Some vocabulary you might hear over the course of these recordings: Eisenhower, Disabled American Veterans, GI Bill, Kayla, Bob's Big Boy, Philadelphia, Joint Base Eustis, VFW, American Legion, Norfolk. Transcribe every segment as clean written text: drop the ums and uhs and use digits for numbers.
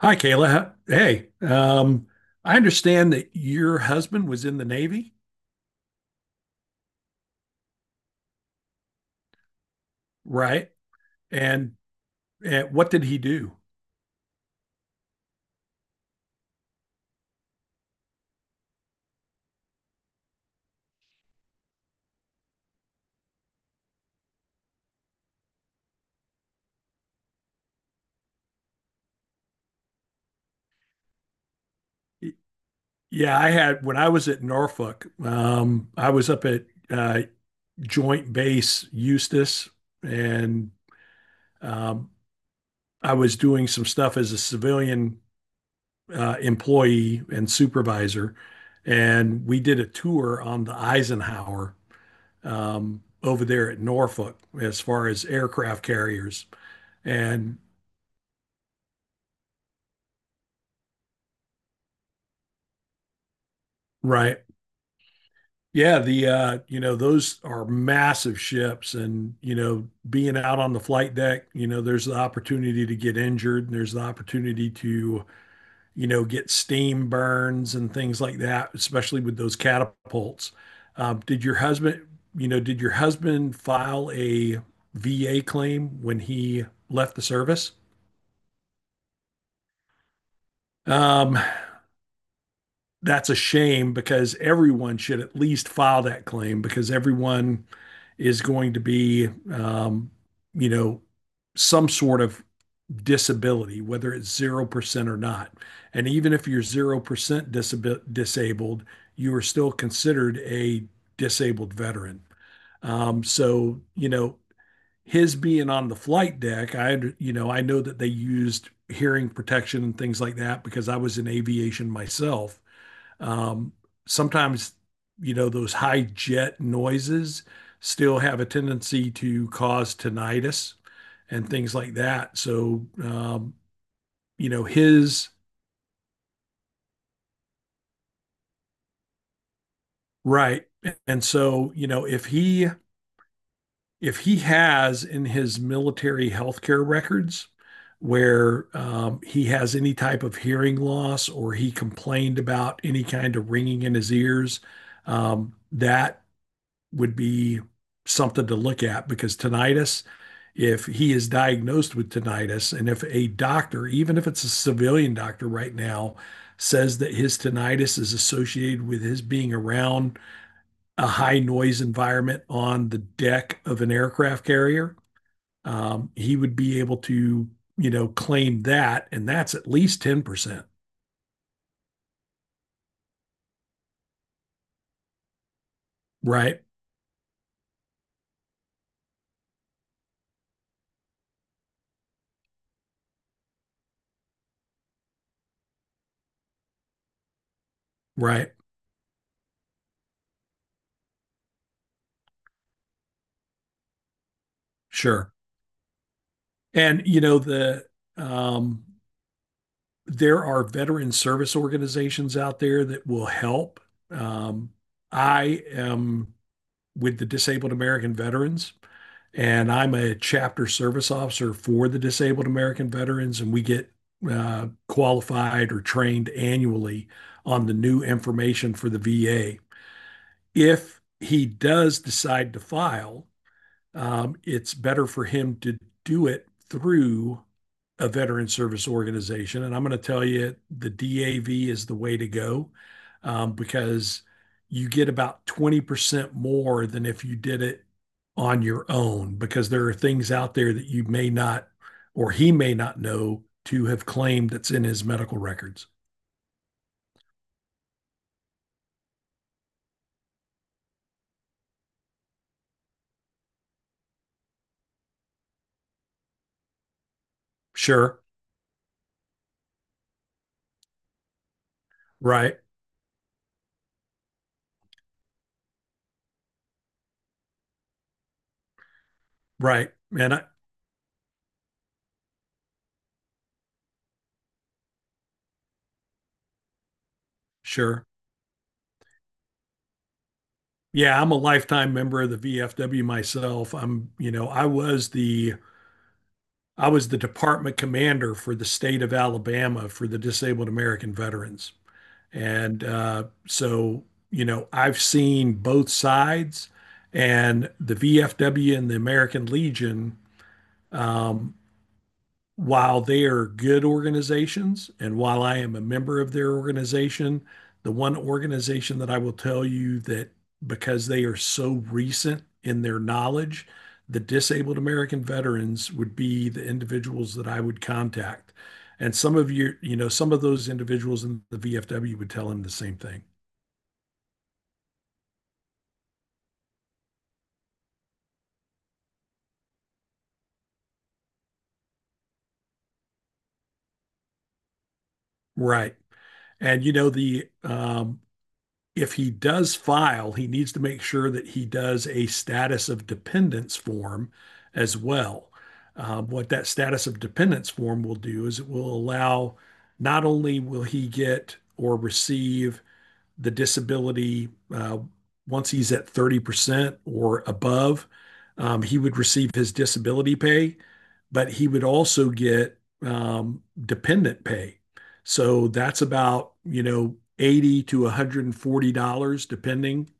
Hi, Kayla. Hey, I understand that your husband was in the Navy, right? And, and what did he do? Y- Yeah, I had when I was at Norfolk, I was up at Joint Base Eustis, and um, I was doing some stuff as a civilian employee and supervisor, and we did a tour on the Eisenhower over there at Norfolk as far as aircraft carriers. And Right. Yeah, the those are massive ships and, being out on the flight deck, there's the opportunity to get injured and there's the opportunity to get steam burns and things like that, especially with those catapults. Did your husband, did your husband file a VA claim when he left the service? Um, that's a shame because everyone should at least file that claim because everyone is going to be, you know, some sort of disability, whether it's 0% or not. And even if you're 0% disabled, you are still considered a disabled veteran. So, his being on the flight deck, I know that they used hearing protection and things like that because I was in aviation myself. Um, sometimes, those high jet noises still have a tendency to cause tinnitus and things like that. So. You know, his Right. And so, if he has in his military healthcare records where he has any type of hearing loss or he complained about any kind of ringing in his ears, that would be something to look at because tinnitus, if he is diagnosed with tinnitus, and if a doctor, even if it's a civilian doctor right now, says that his tinnitus is associated with his being around a high noise environment on the deck of an aircraft carrier, he would be able to, claim that. And that's at least 10%. Right. Right. Sure. And, um, there are veteran service organizations out there that will help. Um, I am with the Disabled American Veterans, and I'm a chapter service officer for the Disabled American Veterans, and we get qualified or trained annually on the new information for the VA. If he does decide to file, it's better for him to do it through a veteran service organization. And I'm going to tell you the DAV is the way to go because you get about 20% more than if you did it on your own, because there are things out there that you may not or he may not know to have claimed that's in his medical records. Sure. Right. Right. Sure. Yeah, I'm a lifetime member of the VFW myself. I was the department commander for the state of Alabama for the disabled American veterans. And so, I've seen both sides and the VFW and the American Legion um, while they are good organizations and while I am a member of their organization, the one organization that I will tell you that because they are so recent in their knowledge, the disabled American veterans would be the individuals that I would contact. And some of you, you know, some of those individuals in the VFW would tell him the same thing. Right. And, you know, the if he does file, he needs to make sure that he does a status of dependence form as well. What that status of dependence form will do is it will allow, not only will he get or receive the disability uh, once he's at 30% or above, he would receive his disability pay, but he would also get dependent pay. So that's about, 80 to $140, depending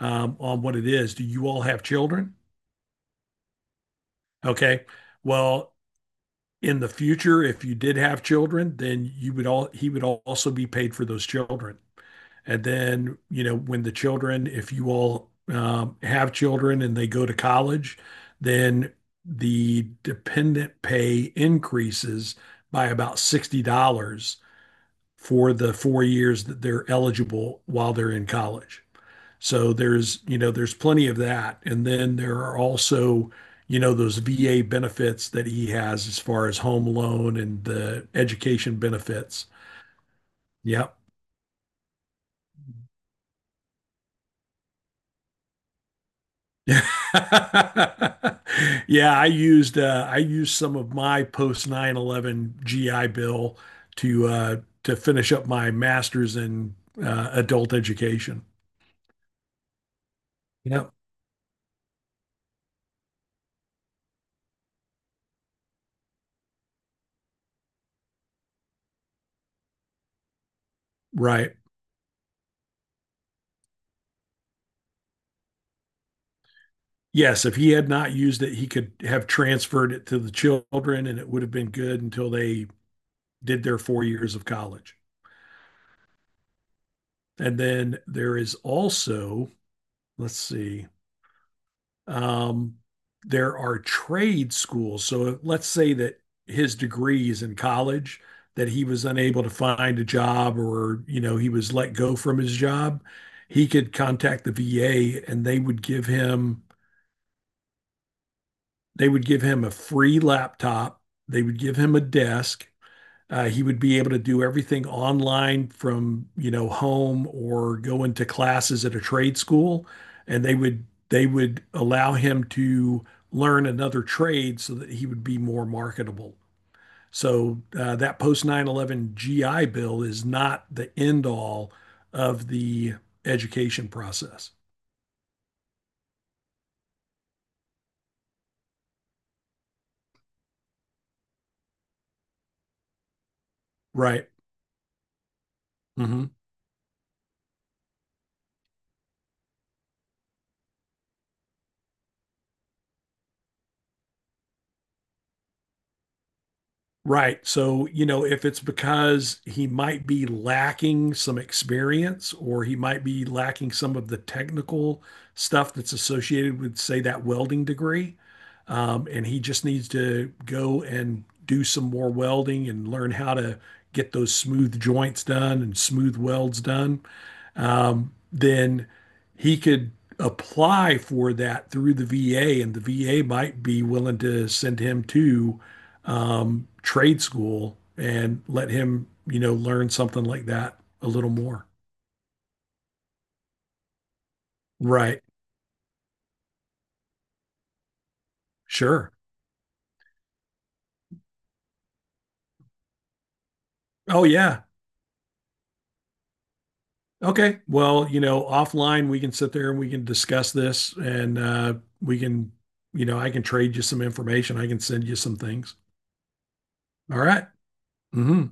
on what it is. Do you all have children? Okay. Well, in the future, if you did have children, then he would also be paid for those children. And then, when the children, if you all have children and they go to college, then the dependent pay increases by about $60 for the 4 years that they're eligible while they're in college. So there's plenty of that. And then there are also, those VA benefits that he has as far as home loan and the education benefits. Yeah. Yeah, I used some of my post 9/11 GI Bill to uh, to finish up my master's in adult education. Yep, right. Yes, if he had not used it, he could have transferred it to the children, and it would have been good until they did their 4 years of college. And then there is also, let's see. Um, there are trade schools. So let's say that his degree is in college, that he was unable to find a job or he was let go from his job, he could contact the VA and they would give him a free laptop, they would give him a desk, he would be able to do everything online from home or go into classes at a trade school, and they would allow him to learn another trade so that he would be more marketable. So that post 9/11 GI Bill is not the end all of the education process, right? Hmm. Right. So, if it's because he might be lacking some experience or he might be lacking some of the technical stuff that's associated with, say, that welding degree, and he just needs to go and do some more welding and learn how to get those smooth joints done and smooth welds done, then he could apply for that through the VA, and the VA might be willing to send him to trade school and let him, learn something like that a little more. Right. Sure. Oh, yeah. Okay. Well, offline, we can sit there and we can discuss this and we can, you know, I can trade you some information. I can send you some things. All right. Mm-hmm.